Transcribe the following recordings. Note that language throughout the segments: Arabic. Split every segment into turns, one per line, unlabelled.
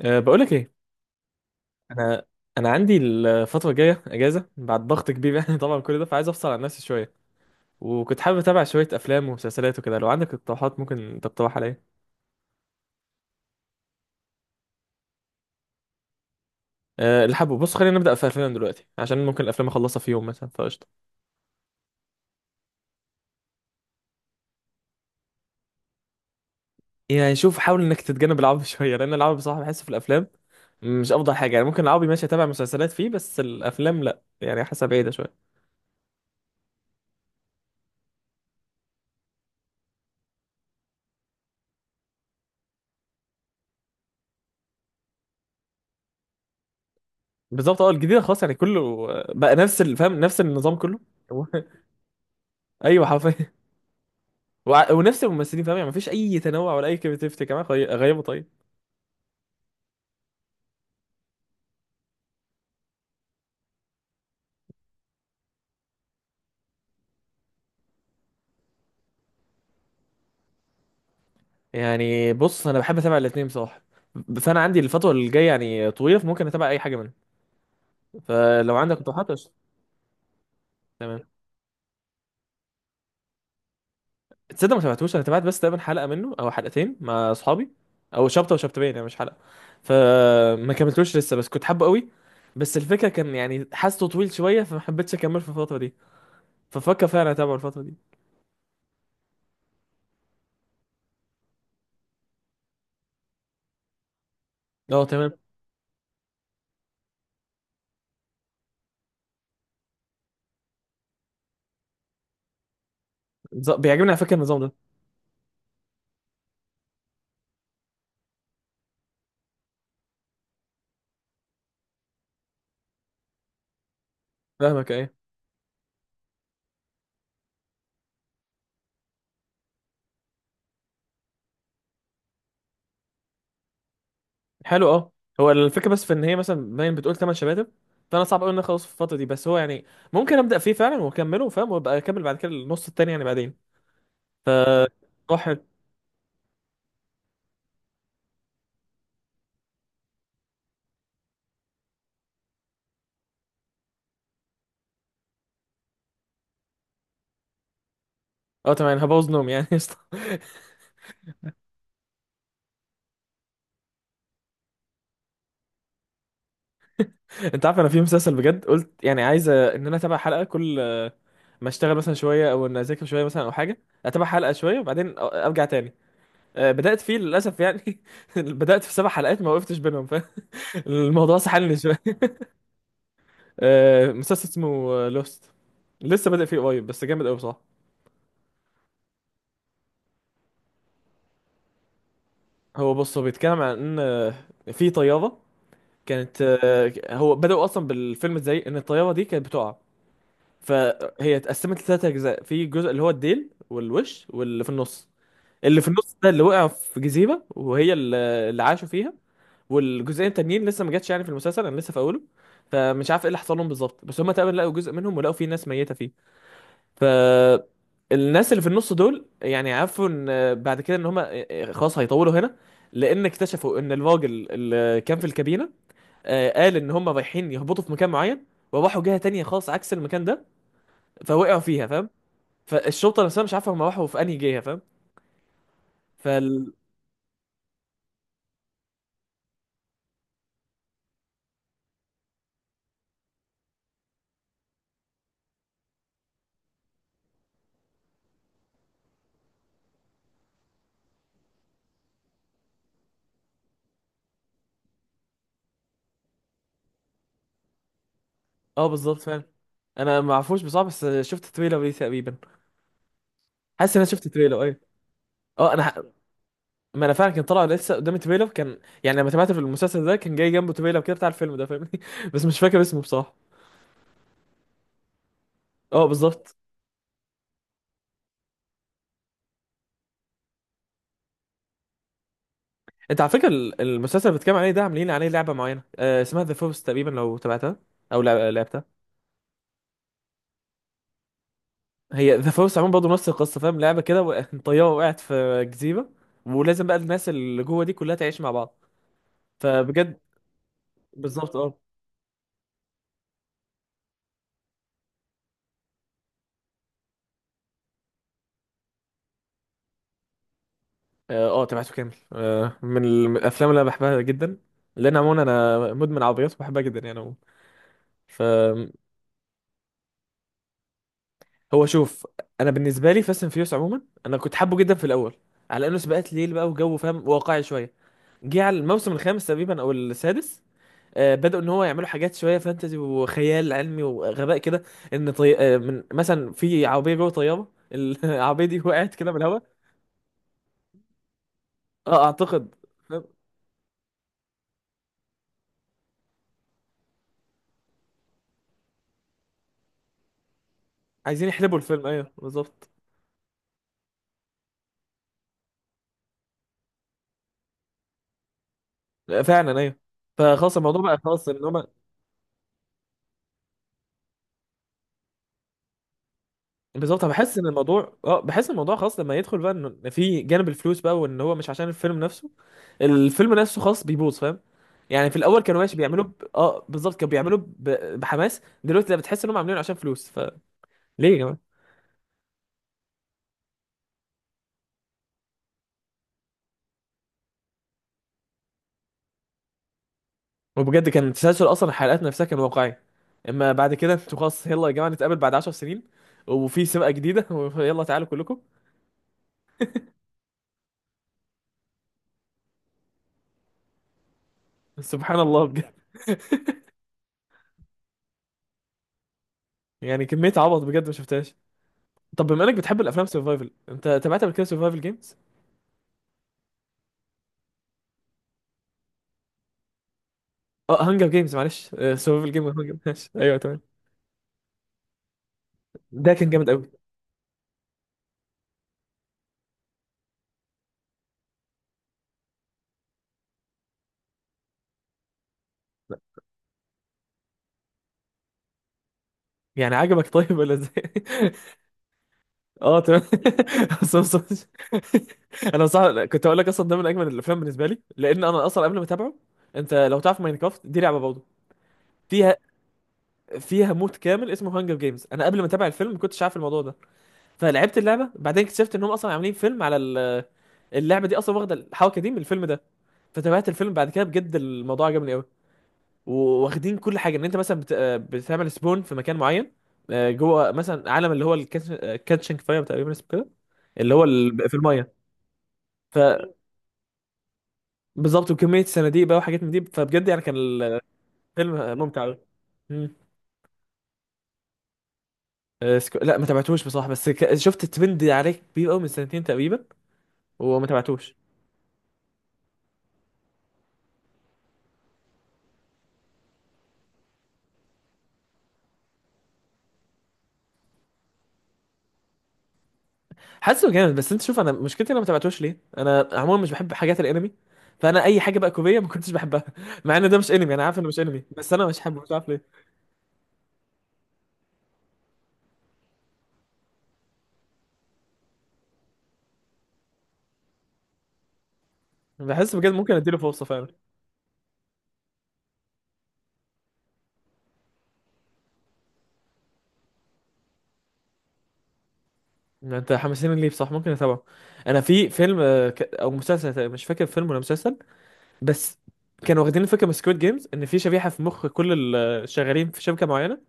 أه بقول لك ايه. انا انا عندي الفتره الجايه اجازه بعد ضغط كبير يعني طبعا كل ده فعايز افصل عن نفسي شويه. وكنت حابب اتابع شويه افلام ومسلسلات وكده لو عندك اقتراحات ممكن تقترح عليا. أه اللي حابه بص خلينا نبدا في افلام دلوقتي عشان ممكن الافلام اخلصها في يوم مثلا فقشطه. يعني شوف حاول انك تتجنب العربي شويه لان العربي بصراحه بحس في الافلام مش افضل حاجه، يعني ممكن العربي ماشي اتابع مسلسلات فيه بس الافلام لا، يعني حاسه بعيده شويه. بالظبط، اه، الجديده خلاص يعني كله. بقى نفس فاهم، نفس النظام كله. ايوه حرفيا. ونفس الممثلين فاهم، يعني مفيش اي تنوع ولا اي كريتيفيتي كمان غيابه. طيب يعني بص انا بحب اتابع الاثنين بصراحه. فانا عندي الفتره اللي جايه يعني طويله فممكن اتابع اي حاجه منهم. فلو عندك اقتراحات قشطة. تمام. تصدق ما تابعتوش، انا تابعت بس تقريبا حلقه منه او حلقتين مع اصحابي، او شابتر وشابترين يعني مش حلقه. فما كملتوش لسه بس كنت حابه قوي. بس الفكره كان يعني حاسه طويل شويه فما حبيتش اكمل في الفتره دي. ففكر فعلا اتابعه الفتره دي. اه تمام. بيعجبني على فكره النظام ده. فاهمك، ايه. حلو اه. هو الفكره بس في ان هي مثلا باين بتقول 8 شباتب. فانا صعب قوي ان انا اخلص في الفتره دي، بس هو يعني ممكن ابدا فيه فعلا واكمله فاهم، وابقى اكمل بعد كده النص التاني يعني بعدين فروح. اه تمام أنا هبوظ نوم يعني قشطة. انت عارف انا في مسلسل بجد قلت يعني عايز ان انا اتابع حلقه كل ما اشتغل مثلا شويه او ان اذاكر شويه مثلا او حاجه، اتابع حلقه شويه وبعدين ارجع تاني. بدات فيه للاسف يعني بدات في 7 حلقات ما وقفتش بينهم فالموضوع سحلني شويه. مسلسل اسمه لوست. لسه بادئ فيه قريب بس جامد قوي بصراحه. هو بص هو بيتكلم عن ان في طياره كانت، هو بدأوا اصلا بالفيلم ازاي ان الطياره دي كانت بتقع. فهي اتقسمت لـ3 اجزاء، في جزء اللي هو الديل والوش واللي في النص. اللي في النص ده اللي وقع في جزيره وهي اللي اللي عاشوا فيها. والجزئين التانيين لسه ما جاتش يعني في المسلسل، انا لسه في اوله. فمش عارف ايه اللي حصل لهم بالظبط بس هم تقريبا لقوا جزء منهم ولقوا فيه ناس ميته فيه. فالناس اللي في النص دول يعني عرفوا ان بعد كده ان هم خلاص هيطولوا هنا، لان اكتشفوا ان الراجل اللي كان في الكابينه، قال ان هم رايحين يهبطوا في مكان معين، وراحوا جهه تانية خالص عكس المكان ده، فوقعوا فيها فاهم. فالشرطه نفسها مش عارفه هم راحوا في انهي جهه فاهم. فال اه بالظبط فاهم. انا ما اعرفوش بصراحه بس شفت تريلر ليه تقريبا. حاسس ان انا شفت تريلر ايوه. اه انا، ما انا فعلا كان طالع لسه قدامي تريلر، كان يعني لما تابعته في المسلسل ده كان جاي جنبه تريلر كده بتاع الفيلم ده فاهمني بس مش فاكر اسمه بصراحه. اه بالظبط. انت على فكره المسلسل اللي بتتكلم عليه ده عاملين عليه لعبه معينه آه اسمها ذا فورس تقريبا، لو تابعتها او لعبتها. هي ذا فورس عموما برضه نفس القصه فاهم، لعبه كده طياره وقعت في جزيره، ولازم بقى الناس اللي جوه دي كلها تعيش مع بعض. فبجد بالظبط، اه اه. تابعته كامل، آه، من الافلام اللي انا بحبها جدا. لان عموما انا مدمن عربيات وبحبها جدا يعني عموما. هو شوف، انا بالنسبه لي فاست اند فيوس عموما انا كنت حابه جدا في الاول، على انه سباقات ليل بقى وجو فاهم واقعي شويه. جه على الموسم الخامس تقريبا او السادس، آه بدأوا ان هو يعملوا حاجات شويه فانتزي وخيال علمي وغباء كده. ان طي... آه من مثلا في عربيه جوه طياره العربيه دي وقعت كده من الهواء. اه اعتقد. فاهم؟ عايزين يحلبوا الفيلم ايوه بالظبط. فعلا ايوه. فخلاص الموضوع بقى خلاص ان هم بالظبط. أنا بحس ان الموضوع، اه، بحس ان الموضوع خلاص لما يدخل بقى ان إن في جانب الفلوس بقى، وان هو مش عشان الفيلم نفسه. الفيلم نفسه خلاص بيبوظ فاهم. يعني في الاول كانوا ماشي بيعملوا ب... اه بالظبط كانوا بحماس دلوقتي، لا بتحس انهم عاملينه عشان فلوس فليه يا جماعه. وبجد كان التسلسل اصلا الحلقات نفسها كان واقعي. اما بعد كده انتوا خلاص يلا يا جماعه نتقابل بعد 10 سنين، وفي سباق جديده ويلا تعالوا كلكم. سبحان الله بجد. يعني كميه عبط بجد ما شفتهاش. طب بما انك بتحب الافلام سرفايفل، انت تابعت قبل كده سرفايفل جيمز؟ اه هانجر جيمز معلش سرفايفل جيم هانجر ماشي ايوه تمام. ده كان جامد قوي. يعني عجبك طيب ولا ازاي؟ اه تمام. أصلاً- أصلاً- انا صح كنت هقول لك اصلا ده من اجمل الافلام بالنسبه لي، لان انا اصلا قبل ما اتابعه، انت لو تعرف ماينكرافت دي لعبه برضه، فيها، فيها مود كامل اسمه هانجر جيمز. انا قبل ما اتابع الفيلم ما كنتش عارف الموضوع ده. فلعبت اللعبه بعدين اكتشفت انهم اصلا عاملين فيلم على اللعبه دي اصلا واخده الحركه دي من الفيلم ده. فتابعت الفيلم بعد كده بجد الموضوع عجبني قوي. واخدين كل حاجه، ان انت مثلا بت... آه، بتعمل سبون في مكان معين، جوه مثلا عالم اللي هو الكاتشنج فاير تقريبا اسمه كده، اللي هو في الميه. فبالظبط، وكميه صناديق بقى وحاجات من دي، فبجد يعني كان الفيلم ممتع قوي. مم. لا ما تابعتوش بصراحه بس شفت ترند عليه كبير قوي من سنتين تقريبا، وما تابعتوش. حاسه جامد، بس انت شوف انا مشكلتي انا ما تابعتوش ليه، انا عموما مش بحب حاجات الانمي. فانا اي حاجه بقى كوريه ما كنتش بحبها مع ان ده مش انمي انا عارف انه مش انمي بس انا مش حابه مش عارف ليه. بحس بجد ممكن اديله فرصه فعلا. انت حمسين ليه بصح ممكن اتابعه. انا في فيلم او مسلسل مش فاكر فيلم ولا مسلسل، بس كانوا واخدين الفكره من سكويد جيمز، ان في شبيحه في مخ كل اللي شغالين في شركه معينه.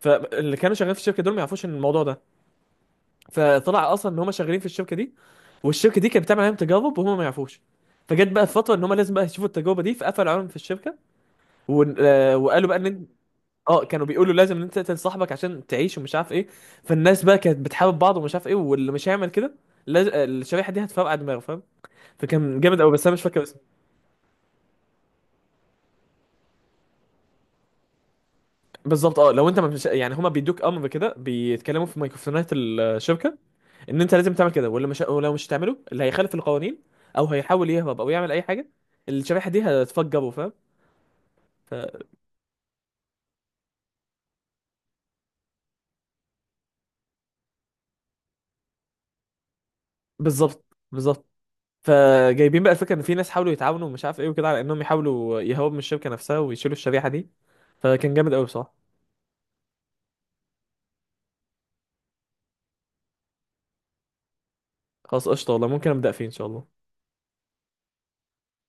فاللي كانوا شغالين في الشركه دول ما يعرفوش ان الموضوع ده. فطلع اصلا ان هم شغالين في الشركه دي، والشركه دي كانت بتعمل عليهم تجارب وهم ما يعرفوش. فجت بقى فتره ان هم لازم بقى يشوفوا التجربه دي فقفلوا عليهم في الشركه، و... آه، وقالوا بقى ان انت، اه، كانوا بيقولوا لازم ان انت تقتل صاحبك عشان تعيش ومش عارف ايه. فالناس بقى كانت بتحارب بعض ومش عارف ايه، واللي مش هيعمل كده لاز... آه، الشريحه دي هتفرقع دماغه فاهم. فكان جامد قوي بس انا مش فاكر. بالظبط اه، لو انت ما مش يعني هما بيدوك امر كده بيتكلموا في ميكروفونات الشركه ان انت لازم تعمل كده، واللي مش، ولو مش هتعمله، اللي هيخالف القوانين او هيحاول يهرب او يعمل اي حاجه، الشريحه دي هتفجره فاهم. ف- بالظبط بالظبط. فجايبين بقى الفكره ان في ناس حاولوا يتعاونوا ومش عارف ايه وكده على انهم يحاولوا يهربوا من الشركه نفسها ويشيلوا الشريحه دي. فكان جامد قوي بصراحه. خلاص قشطه والله ممكن ابدا فيه ان شاء الله.